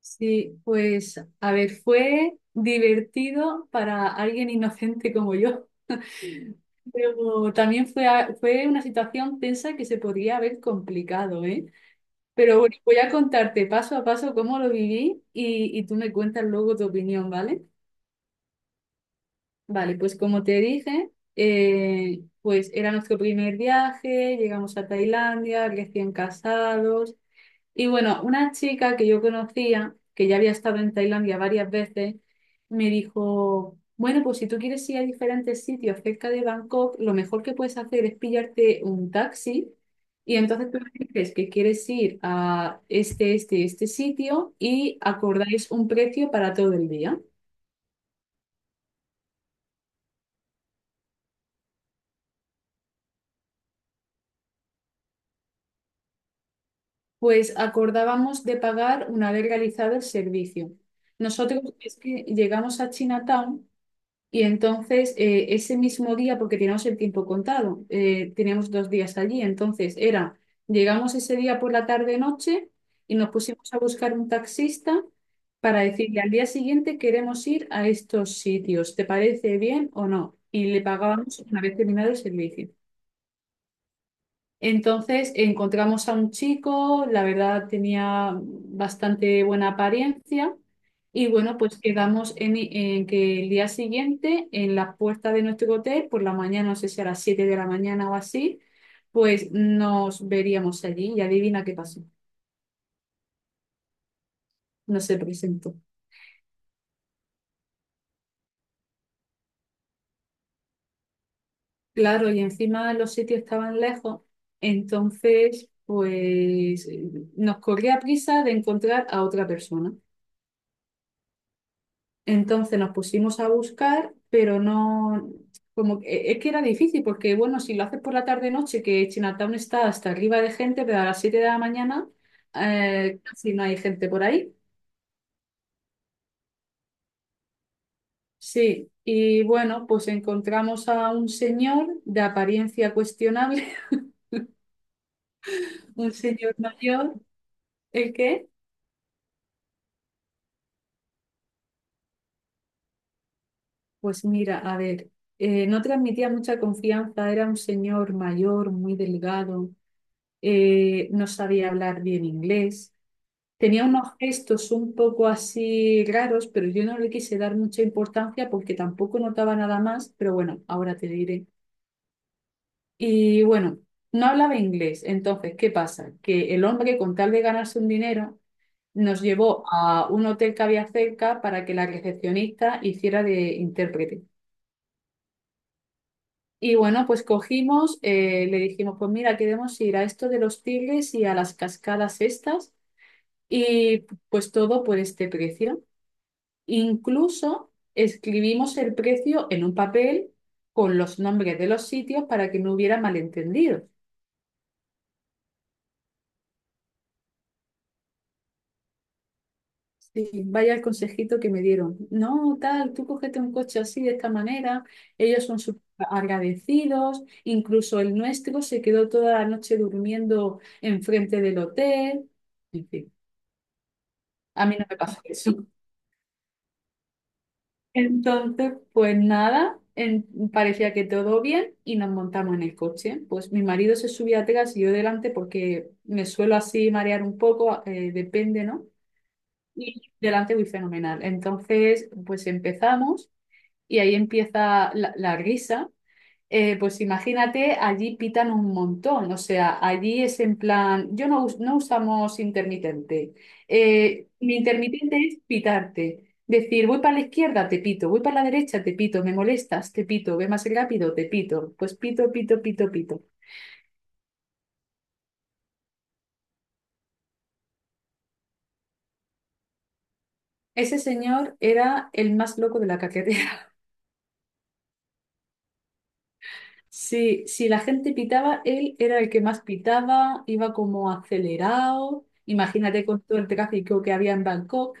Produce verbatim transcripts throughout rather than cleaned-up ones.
Sí, pues a ver, fue divertido para alguien inocente como yo, pero también fue, a- fue una situación tensa que se podría haber complicado, ¿eh? Pero bueno, voy a contarte paso a paso cómo lo viví y, y tú me cuentas luego tu opinión, ¿vale? Vale, pues como te dije, eh, pues era nuestro primer viaje, llegamos a Tailandia, recién casados. Y bueno, una chica que yo conocía, que ya había estado en Tailandia varias veces, me dijo, bueno, pues si tú quieres ir a diferentes sitios cerca de Bangkok, lo mejor que puedes hacer es pillarte un taxi y entonces tú le dices que quieres ir a este, este, este sitio y acordáis un precio para todo el día. Pues acordábamos de pagar una vez realizado el servicio. Nosotros es que llegamos a Chinatown. Y entonces, eh, ese mismo día, porque teníamos el tiempo contado, eh, teníamos dos días allí, entonces era, llegamos ese día por la tarde-noche y nos pusimos a buscar un taxista para decirle al día siguiente queremos ir a estos sitios, ¿te parece bien o no? Y le pagábamos una vez terminado el servicio. Entonces encontramos a un chico, la verdad tenía bastante buena apariencia y bueno, pues quedamos en, en que el día siguiente en la puerta de nuestro hotel, por la mañana, no sé si a las siete de la mañana o así, pues nos veríamos allí y adivina qué pasó, no se presentó. Claro, y encima los sitios estaban lejos, entonces pues eh, nos corría prisa de encontrar a otra persona. Entonces nos pusimos a buscar, pero no, como que- es que era difícil, porque bueno, si lo haces por la tarde-noche, que Chinatown está hasta arriba de gente, pero a las siete de la mañana eh, casi no hay gente por ahí. Sí, y bueno, pues encontramos a un señor de apariencia cuestionable, un señor mayor, el que, pues mira, a ver, eh, no transmitía mucha confianza, era un señor mayor, muy delgado, eh, no sabía hablar bien inglés. Tenía unos gestos un poco así raros, pero yo no le quise dar mucha importancia porque tampoco notaba nada más, pero bueno, ahora te diré. Y bueno, no hablaba inglés, entonces, ¿qué pasa? Que el hombre, con tal de ganarse un dinero, nos llevó a un hotel que había cerca para que la recepcionista hiciera de intérprete. Y bueno, pues cogimos, eh, le dijimos, pues mira, queremos ir a esto de los tigres y a las cascadas estas, y pues todo por este precio. Incluso escribimos el precio en un papel con los nombres de los sitios para que no hubiera malentendidos. Sí, vaya el consejito que me dieron. No, tal, tú cógete un coche así, de esta manera. Ellos son súper agradecidos. Incluso el nuestro se quedó toda la noche durmiendo enfrente del hotel. En fin, a mí no me pasó eso. Entonces, pues nada, en- parecía que todo bien y nos montamos en el coche. Pues mi marido se subía atrás y yo delante porque me suelo así marear un poco, eh, depende, ¿no? Y delante voy fenomenal. Entonces, pues empezamos y ahí empieza la, la risa. Eh, pues imagínate, allí pitan un montón, o sea, allí es en plan, yo no, us- no usamos intermitente. Eh, mi intermitente es pitarte, decir, voy para la izquierda, te pito, voy para la derecha, te pito, me molestas, te pito, ve más rápido, te pito, pues pito, pito, pito, pito. Ese señor era el más loco de la carretera. Sí, si la gente pitaba, él era el que más pitaba, iba como acelerado. Imagínate con todo el tráfico que había en Bangkok.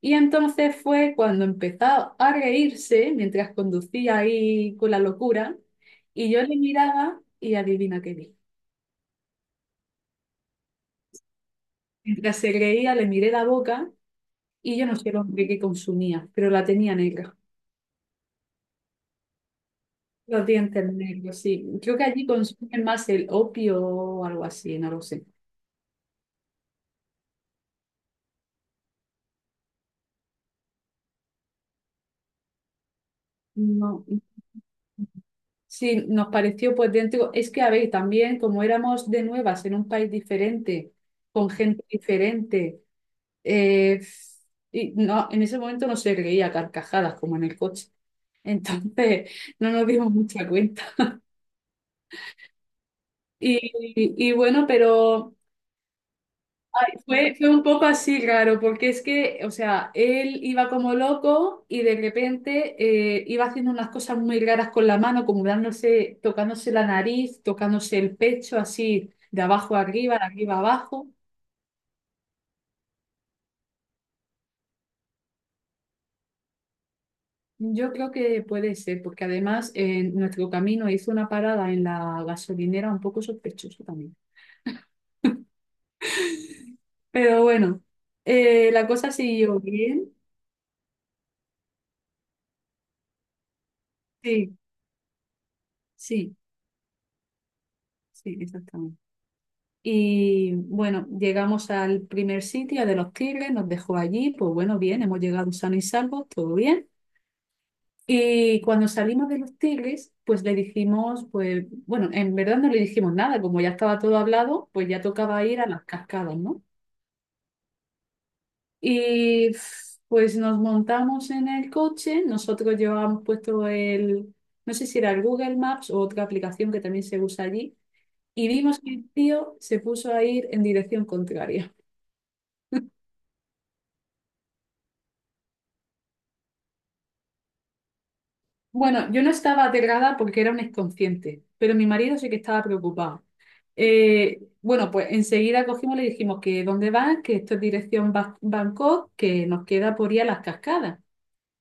Y entonces fue cuando empezó a reírse mientras conducía ahí con la locura y yo le miraba y adivina qué vi. Mientras se reía le miré la boca y yo no sé el hombre que consumía, pero la tenía negra, los dientes negros, sí. Creo que allí consumen más el opio o algo así, no lo sé. No. Sí, nos pareció pues dentro, es que a ver, también como éramos de nuevas en un país diferente, con gente diferente. Eh, y no, en ese momento no se reía a carcajadas como en el coche. Entonces no nos dimos mucha cuenta. Y, y- bueno, pero fue, fue un poco así raro, porque es que, o sea, él iba como loco y de repente eh, iba haciendo unas cosas muy raras con la mano, como dándose, tocándose la nariz, tocándose el pecho, así de abajo a arriba, de arriba a abajo. Yo creo que puede ser, porque además en nuestro camino hizo una parada en la gasolinera un poco sospechosa también. Pero bueno, eh, la cosa siguió bien. Sí, sí, sí, exactamente. Y bueno, llegamos al primer sitio de los Tigres, nos dejó allí, pues bueno, bien, hemos llegado sanos y salvos, todo bien. Y cuando salimos de los Tigres, pues le dijimos, pues bueno, en verdad no le dijimos nada, como ya estaba todo hablado, pues ya tocaba ir a las cascadas, ¿no? Y pues nos montamos en el coche, nosotros llevábamos puesto el, no sé si era el Google Maps o otra aplicación que también se usa allí, y vimos que el tío se puso a ir en dirección contraria. Bueno, yo no estaba aterrada porque era un inconsciente, pero mi marido sí que estaba preocupado. Eh, bueno, pues enseguida cogimos y le dijimos que dónde van, que esto es dirección Ba- Bangkok, que nos queda por ir a las cascadas.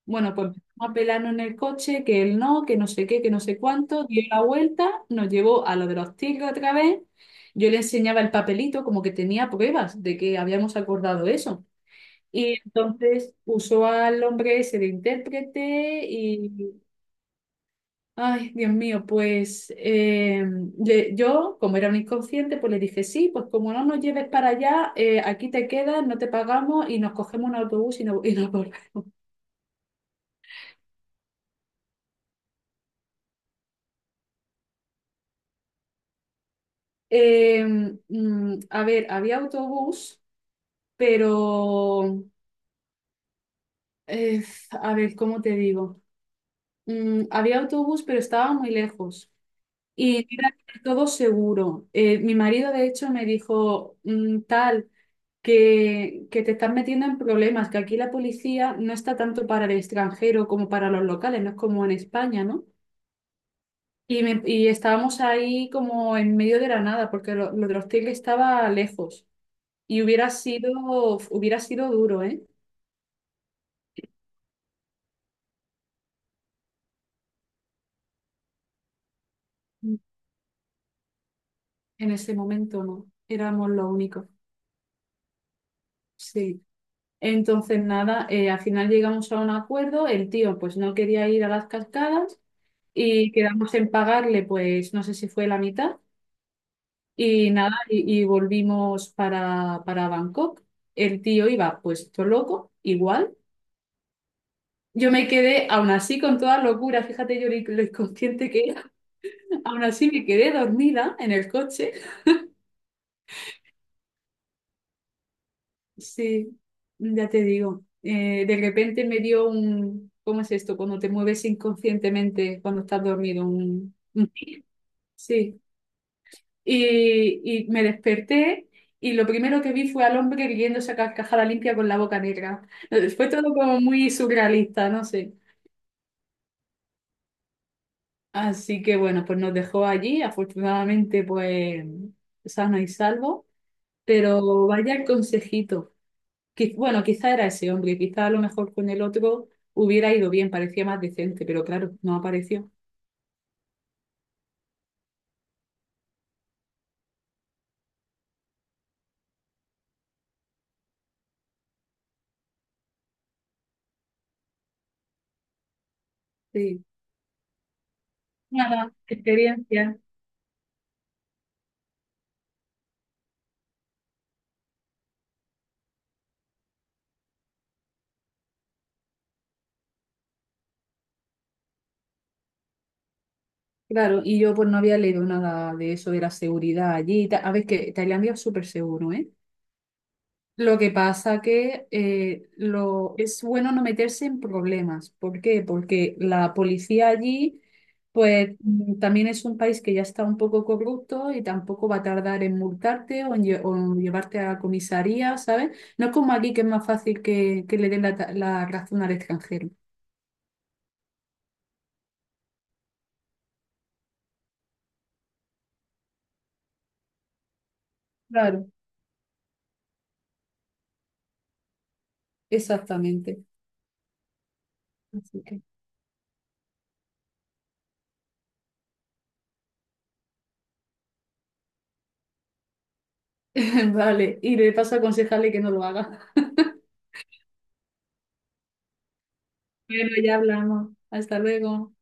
Bueno, pues empezamos a pelarnos en el coche, que él no, que no sé qué, que no sé cuánto, dio la vuelta, nos llevó a lo de los tigres otra vez, yo le enseñaba el papelito como que tenía pruebas de que habíamos acordado eso. Y entonces usó al hombre ese de intérprete y, ay, Dios mío, pues eh, le- yo, como era un inconsciente, pues le dije, sí, pues como no nos lleves para allá, eh, aquí te quedas, no te pagamos y nos cogemos un autobús y, no, y nos volvemos. Eh, mm, a ver, había autobús, pero eh, a ver, ¿cómo te digo? Mm, había autobús, pero estaba muy lejos. Y era todo seguro. Eh, mi marido, de hecho, me dijo, mm, tal, que, que te estás metiendo en problemas, que aquí la policía no está tanto para el extranjero como para los locales, no es como en España, ¿no? Y, me- y estábamos ahí como en medio de la nada, porque lo, lo de los tigres estaba lejos. Y hubiera sido, hubiera sido duro, ¿eh? En ese momento no, éramos los únicos, sí. Entonces, nada, eh, al final llegamos a un acuerdo, el tío pues no quería ir a las cascadas y quedamos en pagarle pues no sé si fue la mitad y nada, y, y volvimos para, para Bangkok. El tío iba pues todo loco, igual. Yo me quedé aún así con toda locura, fíjate yo lo lo inconsciente que era, aún así me quedé dormida en el coche. Sí, ya te digo. Eh, de repente me dio un, ¿cómo es esto? Cuando te mueves inconscientemente cuando estás dormido. Un- un- sí. Y, y me desperté y lo primero que vi fue al hombre riéndose a carcajada limpia con la boca negra. Eh, Fue todo como muy surrealista, no sé. Así que bueno, pues nos dejó allí, afortunadamente pues sano y salvo. Pero vaya el consejito. Qui- Bueno, quizá era ese hombre, quizá a lo mejor con el otro hubiera ido bien, parecía más decente, pero claro, no apareció. Sí. Nada, experiencia. Claro, y yo pues no había leído nada de eso de la seguridad allí. y ta- A ver, que Tailandia es súper seguro, ¿eh? Lo que pasa que eh, lo, es bueno no meterse en problemas. ¿Por qué? Porque la policía allí, pues mm, también es un país que ya está un poco corrupto y tampoco va a tardar en multarte o en, lle- o en llevarte a la comisaría, ¿sabes? No es como aquí que es más fácil que, que, le den la, ta- la razón al extranjero. Claro, exactamente. Así que, vale, y le paso a aconsejarle que no lo haga. Bueno, ya hablamos. Hasta luego.